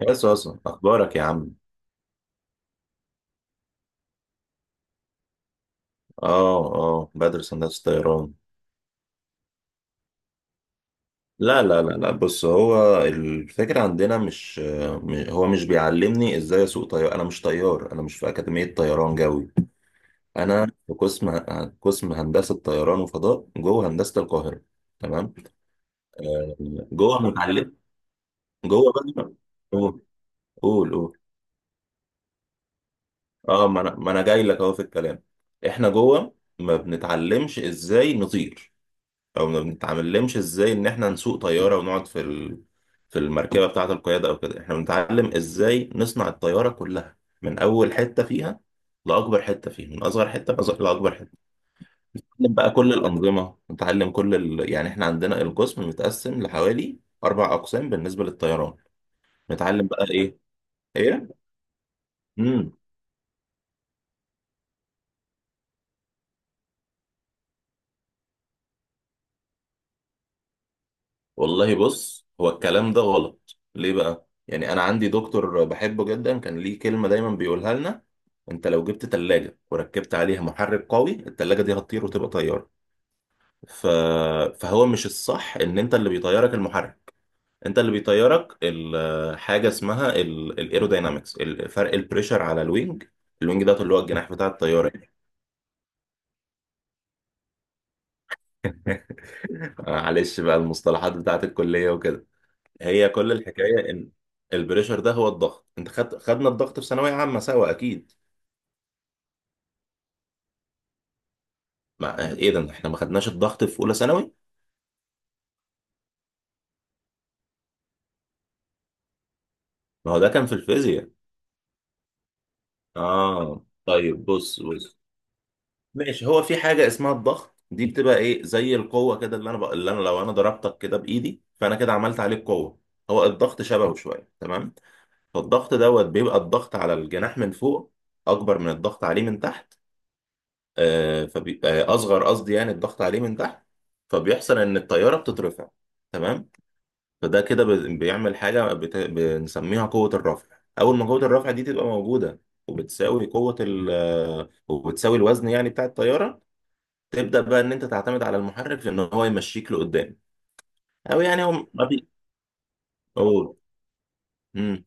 يا صاصة، أخبارك يا عم؟ آه آه، بدرس هندسة طيران. لا لا لا لا، بص، هو الفكرة عندنا مش. هو مش بيعلمني إزاي أسوق طيار. أنا مش طيار، أنا مش في أكاديمية طيران جوي. أنا في قسم هندسة طيران وفضاء جوه هندسة القاهرة. تمام. آه، جوه متعلم، جوه بقى. قول قول قول. آه، ما أنا جاي لك أهو في الكلام. إحنا جوه ما بنتعلمش إزاي نطير، او ما بنتعلمش ازاي ان احنا نسوق طياره ونقعد في في المركبه بتاعه القياده او كده. احنا بنتعلم ازاي نصنع الطياره كلها من اول حته فيها لاكبر حته فيها، من اصغر حته لاكبر حته. نتعلم بقى كل الانظمه، نتعلم كل يعني احنا عندنا القسم متقسم لحوالي اربع اقسام بالنسبه للطيران. نتعلم بقى ايه. ايه والله، بص، هو الكلام ده غلط ليه بقى؟ يعني انا عندي دكتور بحبه جدا كان ليه كلمة دايما بيقولها لنا: انت لو جبت تلاجة وركبت عليها محرك قوي، التلاجة دي هتطير وتبقى طيارة. ف... فهو مش الصح ان انت اللي بيطيرك المحرك. انت اللي بيطيرك حاجة اسمها الايروداينامكس، فرق البريشر على الوينج. الوينج ده اللي هو الجناح بتاع الطيارة. معلش بقى، المصطلحات بتاعت الكلية وكده. هي كل الحكايه ان البريشر ده هو الضغط. انت خدنا الضغط في ثانويه عامه سوا، اكيد. مع ايه ده، احنا ما خدناش الضغط في اولى ثانوي؟ ما هو ده كان في الفيزياء. اه طيب، بص بص. ماشي، هو في حاجه اسمها الضغط، دي بتبقى ايه؟ زي القوه كده، اللي انا اللي انا لو ضربتك كده بايدي، فانا كده عملت عليك قوه. هو الضغط شبهه شويه، تمام؟ فالضغط دوت بيبقى الضغط على الجناح من فوق اكبر من الضغط عليه من تحت. فبيبقى اصغر، قصدي يعني، الضغط عليه من تحت. فبيحصل ان الطياره بتترفع، تمام. فده كده بيعمل حاجه بنسميها قوه الرفع. اول ما قوه الرفع دي تبقى موجوده وبتساوي قوه ال... آه، وبتساوي الوزن يعني بتاع الطياره، تبدا بقى ان انت تعتمد على المحرك في ان هو يمشيك لقدام. او يعني هو ما بي أوه. امم.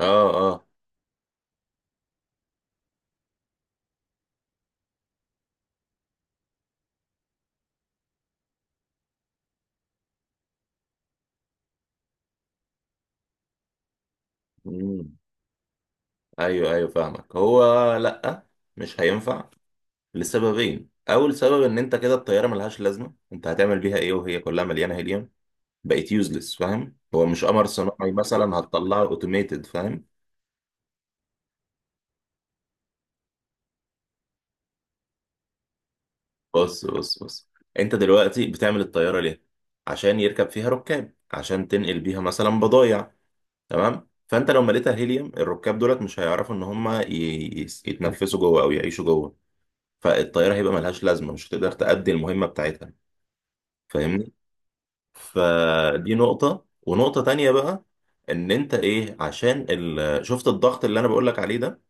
اه اه. امم. ايوه ايوه، فاهمك. هو، لا، مش هينفع لسببين. اول سبب ان انت كده الطياره ملهاش لازمه. انت هتعمل بيها ايه وهي كلها مليانه هيليوم؟ بقت يوزلس، فاهم؟ هو مش قمر صناعي مثلا هتطلعه اوتوميتد، فاهم؟ بص بص بص، انت دلوقتي بتعمل الطياره ليه؟ عشان يركب فيها ركاب، عشان تنقل بيها مثلا بضايع، تمام؟ فانت لو مليتها هيليوم، الركاب دولت مش هيعرفوا ان هم يتنفسوا جوه او يعيشوا جوه. فالطياره هيبقى ملهاش لازمه، مش هتقدر تأدي المهمه بتاعتها. فاهمني؟ فدي نقطة، ونقطة تانية بقى: ان انت ايه، عشان شفت الضغط اللي انا بقولك عليه ده،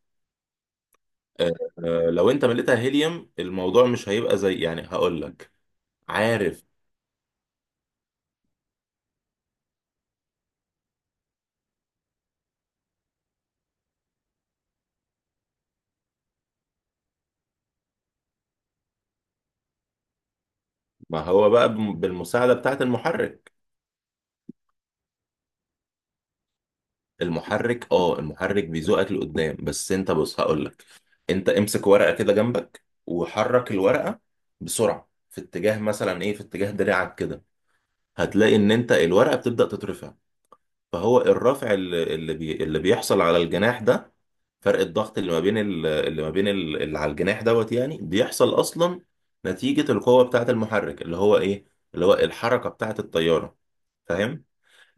آه، لو انت مليتها هيليوم الموضوع مش هيبقى زي، يعني هقولك، عارف؟ ما هو بقى بالمساعدة بتاعة المحرك. المحرك، اه، المحرك بيزوقك لقدام بس، انت بص هقولك: انت امسك ورقة كده جنبك وحرك الورقة بسرعة في اتجاه، مثلا ايه، في اتجاه دراعك كده، هتلاقي ان انت الورقة بتبدأ تترفع. فهو الرفع اللي بيحصل على الجناح ده، فرق الضغط اللي ما بين اللي ما بين اللي على الجناح دوت، يعني بيحصل اصلا نتيجة القوة بتاعة المحرك، اللي هو ايه، اللي هو الحركة بتاعة الطيارة، فاهم؟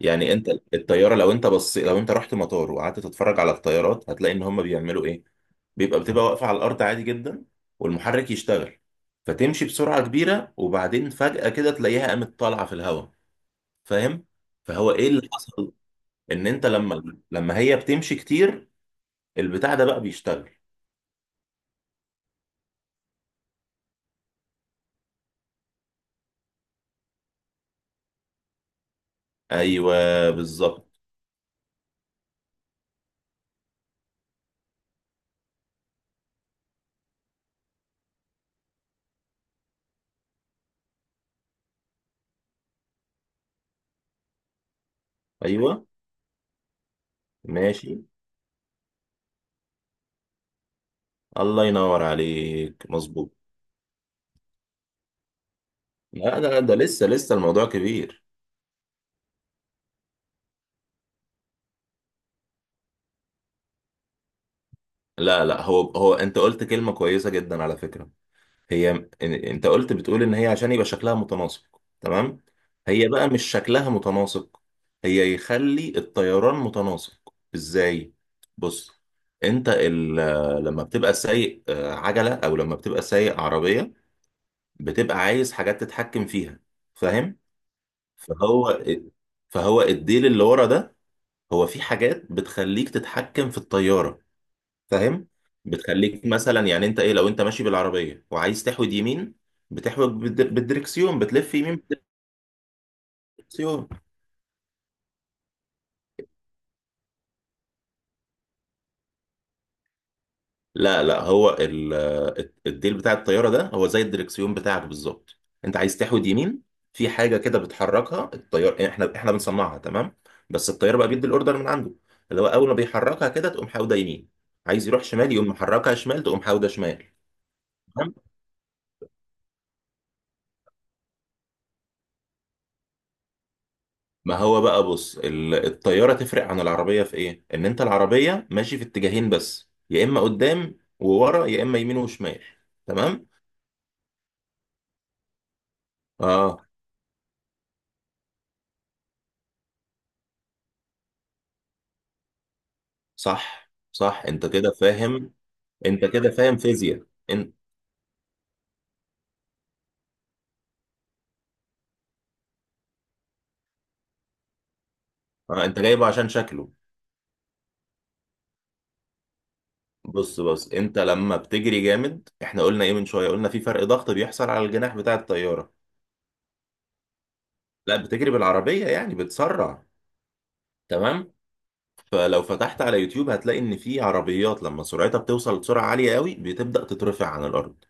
يعني انت الطيارة، لو انت بص، لو انت رحت مطار وقعدت تتفرج على الطيارات، هتلاقي ان هم بيعملوا ايه: بتبقى واقفة على الارض عادي جدا والمحرك يشتغل، فتمشي بسرعة كبيرة وبعدين فجأة كده تلاقيها قامت طالعة في الهواء، فاهم؟ فهو ايه اللي حصل؟ ان انت لما هي بتمشي كتير البتاع ده بقى بيشتغل. ايوه، بالظبط. ايوه ماشي، الله ينور عليك، مظبوط. لا ده ده لسه لسه الموضوع كبير. لا لا، هو هو انت قلت كلمة كويسة جدا على فكرة. هي انت قلت بتقول ان هي عشان يبقى شكلها متناسق، تمام؟ هي بقى مش شكلها متناسق، هي يخلي الطيران متناسق، ازاي؟ بص، انت لما بتبقى سايق عجلة، او لما بتبقى سايق عربية، بتبقى عايز حاجات تتحكم فيها، فاهم؟ فهو، فهو الديل اللي ورا ده هو في حاجات بتخليك تتحكم في الطيارة، فاهم؟ بتخليك مثلا، يعني انت ايه، لو انت ماشي بالعربيه وعايز تحود يمين، بتحود بالدركسيون، بتلف يمين. بالدركسيون. لا لا، هو الديل بتاع الطياره ده هو زي الدركسيون بتاعك بالظبط. انت عايز تحود يمين، في حاجه كده بتحركها الطيار، يعني احنا بنصنعها، تمام، بس الطيار بقى بيدي الاوردر من عنده، اللي هو اول ما بيحركها كده تقوم حاوده يمين، عايز يروح شمال يقوم محركها شمال تقوم حاوده شمال. ما هو بقى بص، الطيارة تفرق عن العربية في ايه؟ ان انت العربية ماشي في اتجاهين بس، يا اما قدام وورا يا اما يمين وشمال، تمام؟ اه. صح صح، انت كده فاهم. انت كده فاهم فيزياء. انت، آه، انت جايبه عشان شكله. بص بص، انت لما بتجري جامد، احنا قلنا ايه من شوية؟ قلنا في فرق ضغط بيحصل على الجناح بتاع الطيارة. لا، بتجري بالعربية يعني، بتسرع. تمام؟ فلو فتحت على يوتيوب هتلاقي ان في عربيات لما سرعتها بتوصل لسرعه عاليه قوي بتبدا تترفع عن الارض.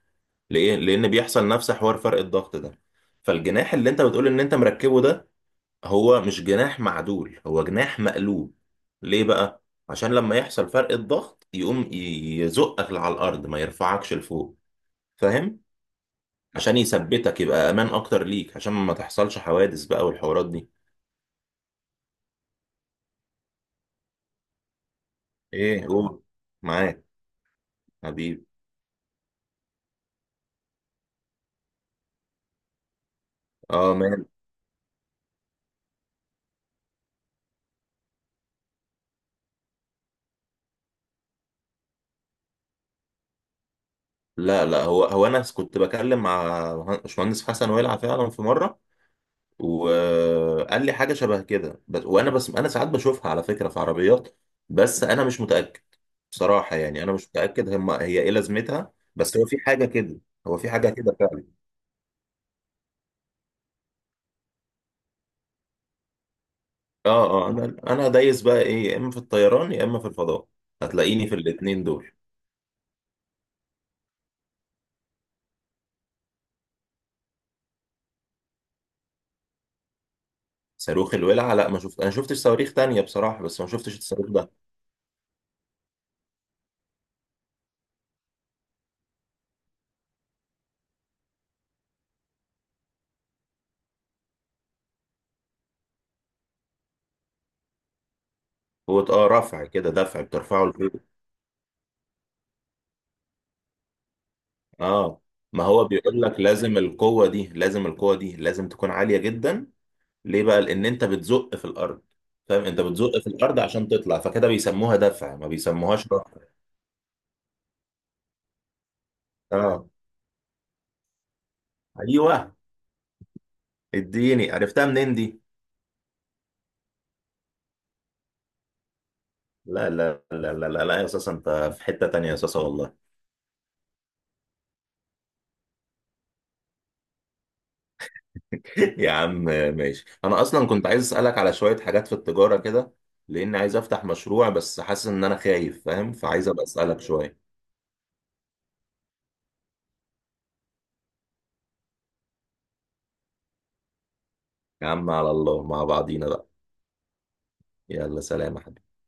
ليه؟ لان بيحصل نفس حوار فرق الضغط ده. فالجناح اللي انت بتقول ان انت مركبه ده هو مش جناح معدول، هو جناح مقلوب. ليه بقى؟ عشان لما يحصل فرق الضغط يقوم يزقك على الارض، ما يرفعكش لفوق، فاهم؟ عشان يثبتك، يبقى امان اكتر ليك، عشان ما تحصلش حوادث بقى والحوارات دي. ايه جوه. معاك حبيبي. اه ماشي. لا لا، هو هو انا كنت بكلم مع باشمهندس حسن ويلعب فعلا في مره وقال لي حاجه شبه كده، بس. وانا بس انا ساعات بشوفها على فكره في عربيات، بس انا مش متاكد بصراحه، يعني انا مش متاكد هم، هي ايه لازمتها، بس هو في حاجه كده. هو في حاجه كده فعلا. اه اه، انا دايس بقى ايه، يا اما في الطيران يا اما في الفضاء، هتلاقيني في الاتنين دول. صاروخ الولعة؟ لا ما شفت، انا شفتش صواريخ تانية بصراحة، بس ما شفتش الصاروخ ده. هو اه رفع، كده دفع، بترفعه لفوق. اه، ما هو بيقول لك لازم القوة دي، لازم القوة دي لازم تكون عالية جدا. ليه بقى؟ لان انت بتزق في الارض، فاهم؟ انت بتزق في الارض عشان تطلع، فكده بيسموها دفع ما بيسموهاش رفع. اه ايوه. اديني عرفتها منين دي. لا لا لا لا لا، لا يا اساس انت، في حتة تانية يا اساس، والله. يا عم ماشي، انا اصلا كنت عايز اسالك على شوية حاجات في التجارة كده، لان عايز افتح مشروع بس حاسس ان انا خايف، فاهم؟ فعايز ابقى اسالك شوية. يا عم على الله، مع بعضينا بقى. يلا سلام يا حبيبي.